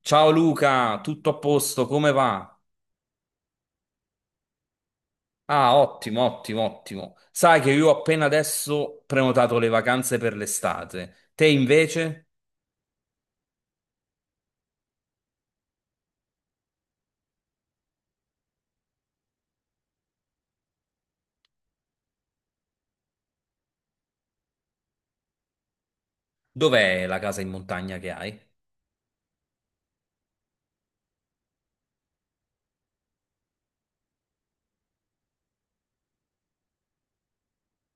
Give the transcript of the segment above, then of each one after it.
Ciao Luca, tutto a posto, come va? Ah, ottimo, ottimo, ottimo. Sai che io ho appena adesso prenotato le vacanze per l'estate. Te invece? Dov'è la casa in montagna che hai?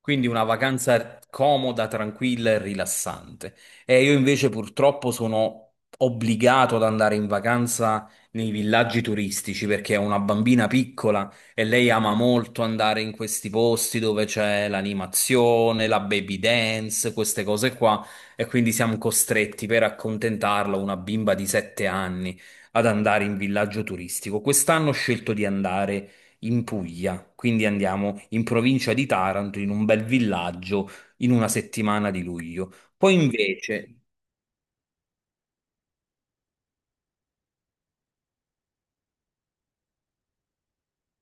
Quindi una vacanza comoda, tranquilla e rilassante. E io invece purtroppo sono obbligato ad andare in vacanza nei villaggi turistici perché ho una bambina piccola e lei ama molto andare in questi posti dove c'è l'animazione, la baby dance, queste cose qua. E quindi siamo costretti per accontentarla, una bimba di 7 anni, ad andare in villaggio turistico. Quest'anno ho scelto di andare in Puglia, quindi andiamo in provincia di Taranto, in un bel villaggio, in una settimana di luglio. Poi invece,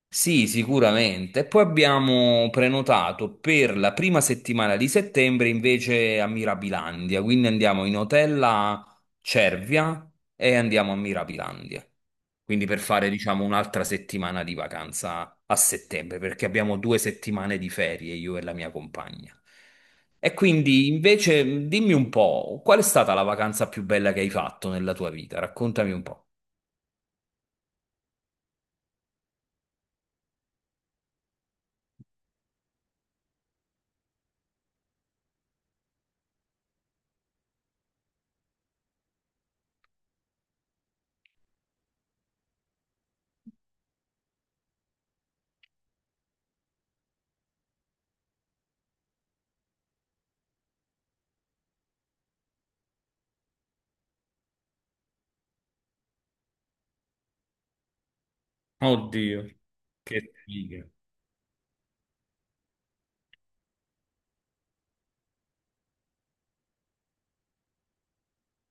sì, sicuramente. Poi abbiamo prenotato per la prima settimana di settembre invece a Mirabilandia, quindi andiamo in hotel a Cervia e andiamo a Mirabilandia. Quindi per fare, diciamo, un'altra settimana di vacanza a settembre, perché abbiamo 2 settimane di ferie io e la mia compagna. E quindi invece dimmi un po', qual è stata la vacanza più bella che hai fatto nella tua vita? Raccontami un po'. Oddio, che figa.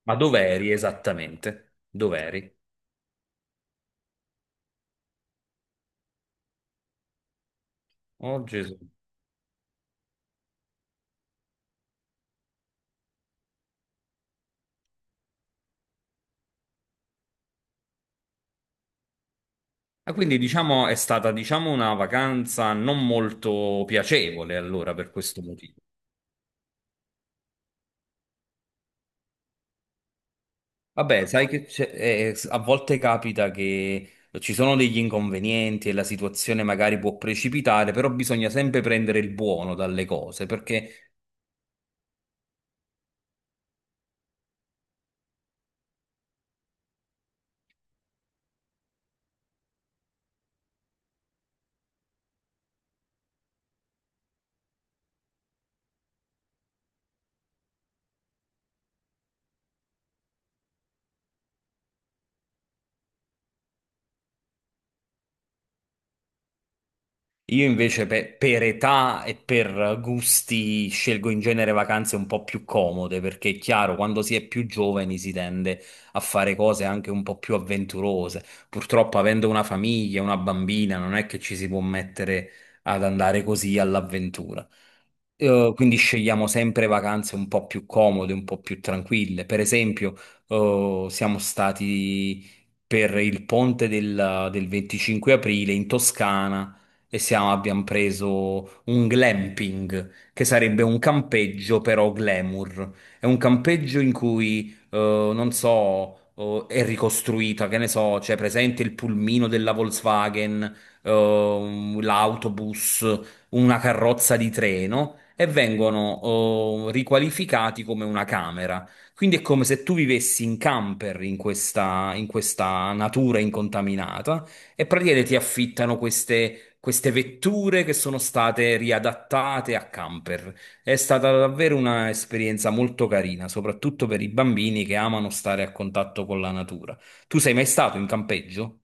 Ma dov'eri esattamente? Dov'eri? Oh Gesù. Ah, quindi diciamo è stata diciamo una vacanza non molto piacevole allora per questo motivo. Vabbè, sai che a volte capita che ci sono degli inconvenienti e la situazione magari può precipitare, però bisogna sempre prendere il buono dalle cose. Perché io invece per età e per gusti scelgo in genere vacanze un po' più comode, perché è chiaro, quando si è più giovani si tende a fare cose anche un po' più avventurose. Purtroppo, avendo una famiglia, una bambina, non è che ci si può mettere ad andare così all'avventura. Quindi scegliamo sempre vacanze un po' più comode, un po' più tranquille. Per esempio, siamo stati per il ponte del 25 aprile in Toscana e abbiamo preso un glamping, che sarebbe un campeggio però glamour. È un campeggio in cui, non so, è ricostruita, che ne so, c'è presente il pulmino della Volkswagen, l'autobus, una carrozza di treno e vengono riqualificati come una camera. Quindi è come se tu vivessi in camper in questa natura incontaminata e praticamente ti affittano queste vetture che sono state riadattate a camper. È stata davvero un'esperienza molto carina, soprattutto per i bambini che amano stare a contatto con la natura. Tu sei mai stato in campeggio?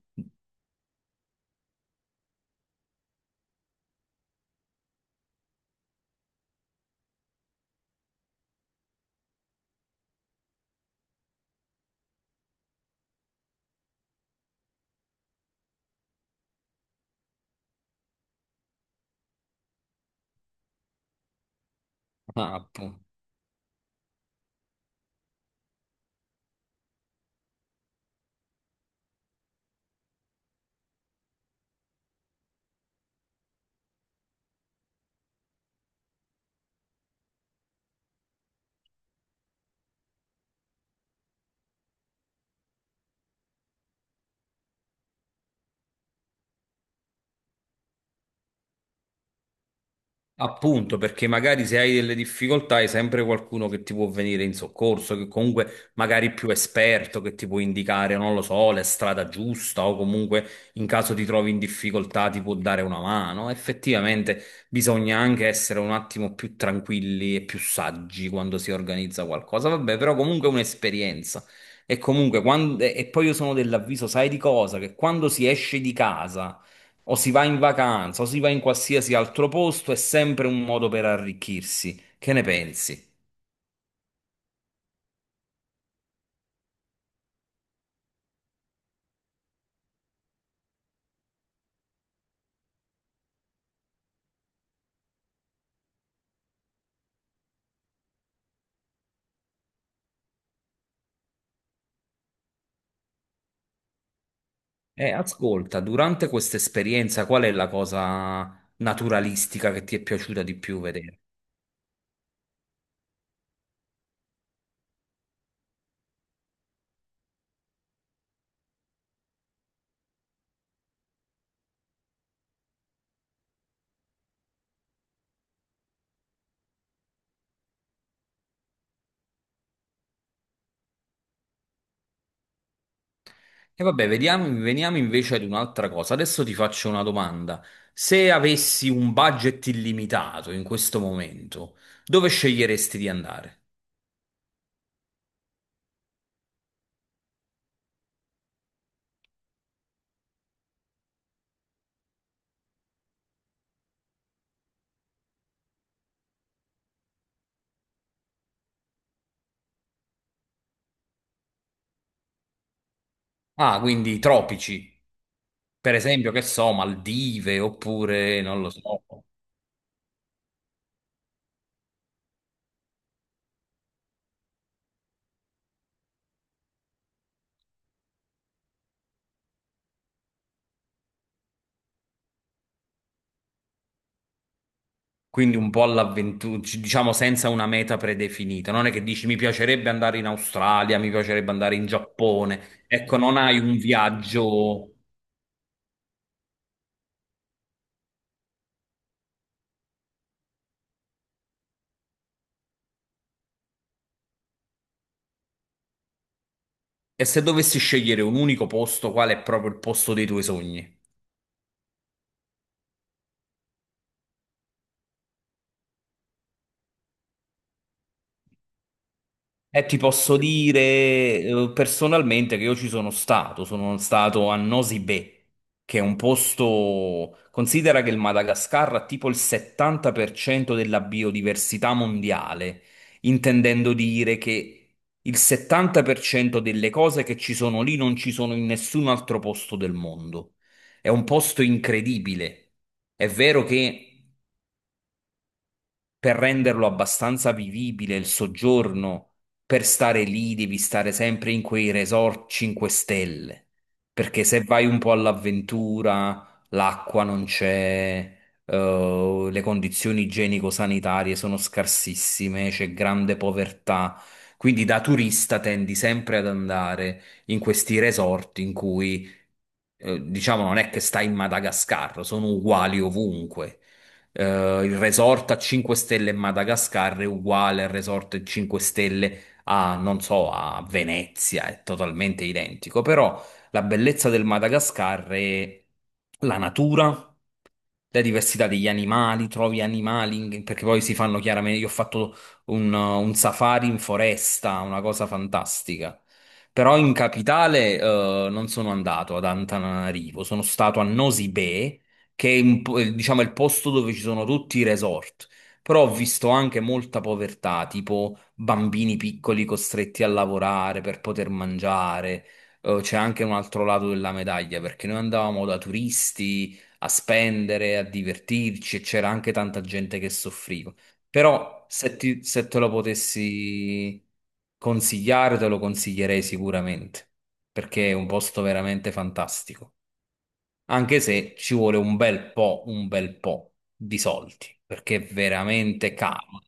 Ah, appunto. Appunto, perché magari se hai delle difficoltà hai sempre qualcuno che ti può venire in soccorso, che comunque magari è più esperto, che ti può indicare, non lo so, la strada giusta, o comunque in caso ti trovi in difficoltà ti può dare una mano. Effettivamente bisogna anche essere un attimo più tranquilli e più saggi quando si organizza qualcosa. Vabbè, però comunque è un'esperienza. E comunque e poi io sono dell'avviso, sai di cosa? Che quando si esce di casa o si va in vacanza, o si va in qualsiasi altro posto, è sempre un modo per arricchirsi. Che ne pensi? E ascolta, durante questa esperienza, qual è la cosa naturalistica che ti è piaciuta di più vedere? E vabbè, vediamo, veniamo invece ad un'altra cosa. Adesso ti faccio una domanda. Se avessi un budget illimitato in questo momento, dove sceglieresti di andare? Ah, quindi i tropici, per esempio, che so, Maldive oppure non lo so. Quindi un po' all'avventura, diciamo senza una meta predefinita. Non è che dici mi piacerebbe andare in Australia, mi piacerebbe andare in Giappone. Ecco, non hai un viaggio. E se dovessi scegliere un unico posto, qual è proprio il posto dei tuoi sogni? E ti posso dire, personalmente, che io ci sono stato a Nosy Be, che è un posto, considera che il Madagascar ha tipo il 70% della biodiversità mondiale, intendendo dire che il 70% delle cose che ci sono lì non ci sono in nessun altro posto del mondo. È un posto incredibile. È vero che per renderlo abbastanza vivibile il soggiorno, per stare lì devi stare sempre in quei resort 5 stelle, perché se vai un po' all'avventura, l'acqua non c'è, le condizioni igienico-sanitarie sono scarsissime, c'è grande povertà. Quindi da turista tendi sempre ad andare in questi resort in cui, diciamo, non è che stai in Madagascar, sono uguali ovunque. Eh, il resort a 5 stelle in Madagascar è uguale al resort 5 stelle a, non so, a Venezia, è totalmente identico, però la bellezza del Madagascar è la natura. La diversità degli animali, trovi animali, perché poi si fanno chiaramente. Io ho fatto un safari in foresta, una cosa fantastica. Però in capitale, non sono andato ad Antananarivo, sono stato a Nosy Be, che è un po', diciamo, il posto dove ci sono tutti i resort. Però ho visto anche molta povertà, tipo bambini piccoli costretti a lavorare per poter mangiare. C'è anche un altro lato della medaglia, perché noi andavamo da turisti a spendere, a divertirci, e c'era anche tanta gente che soffriva. Però se, se te lo potessi consigliare, te lo consiglierei sicuramente, perché è un posto veramente fantastico. Anche se ci vuole un bel po' di soldi, perché è veramente caro.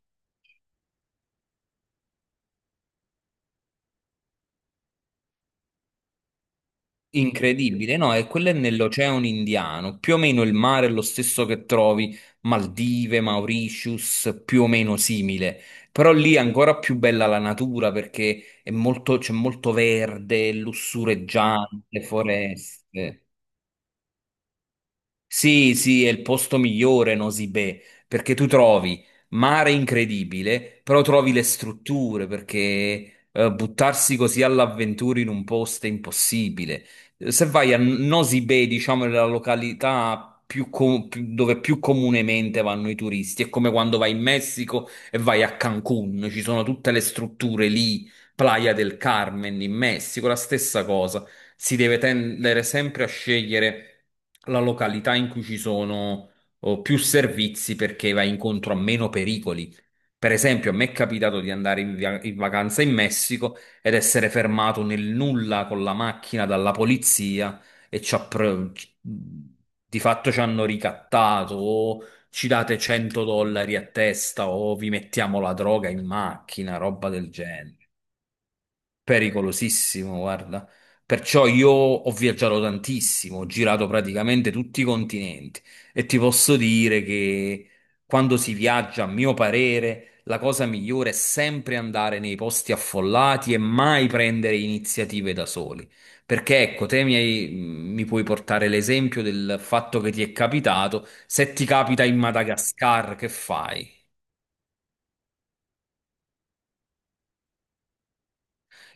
Incredibile, no? E quello è nell'Oceano Indiano, più o meno il mare è lo stesso che trovi Maldive, Mauritius, più o meno simile, però lì è ancora più bella la natura perché è c'è molto verde, lussureggiante, foreste. Sì, sì, è il posto migliore, Nosibè, perché tu trovi mare incredibile, però trovi le strutture, perché buttarsi così all'avventura in un posto è impossibile. Se vai a Nosibè, diciamo, è la località dove più comunemente vanno i turisti, è come quando vai in Messico e vai a Cancun, ci sono tutte le strutture lì, Playa del Carmen in Messico, la stessa cosa, si deve tendere sempre a scegliere la località in cui ci sono oh, più servizi perché vai incontro a meno pericoli. Per esempio, a me è capitato di andare in vacanza in Messico ed essere fermato nel nulla con la macchina dalla polizia e ci ha pre- ci- di fatto ci hanno ricattato. O ci date 100 dollari a testa o vi mettiamo la droga in macchina, roba del genere. Pericolosissimo, guarda. Perciò io ho viaggiato tantissimo, ho girato praticamente tutti i continenti e ti posso dire che quando si viaggia, a mio parere, la cosa migliore è sempre andare nei posti affollati e mai prendere iniziative da soli. Perché ecco, te mi, mi puoi portare l'esempio del fatto che ti è capitato. Se ti capita in Madagascar, che fai?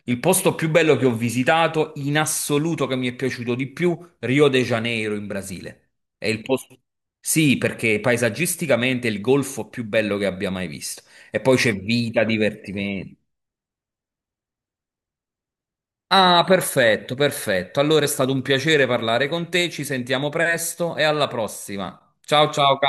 Il posto più bello che ho visitato, in assoluto che mi è piaciuto di più, Rio de Janeiro in Brasile. È il posto. Sì, perché paesaggisticamente è il golfo più bello che abbia mai visto. E poi c'è vita, divertimento. Ah, perfetto, perfetto. Allora è stato un piacere parlare con te, ci sentiamo presto e alla prossima. Ciao ciao. Carlo.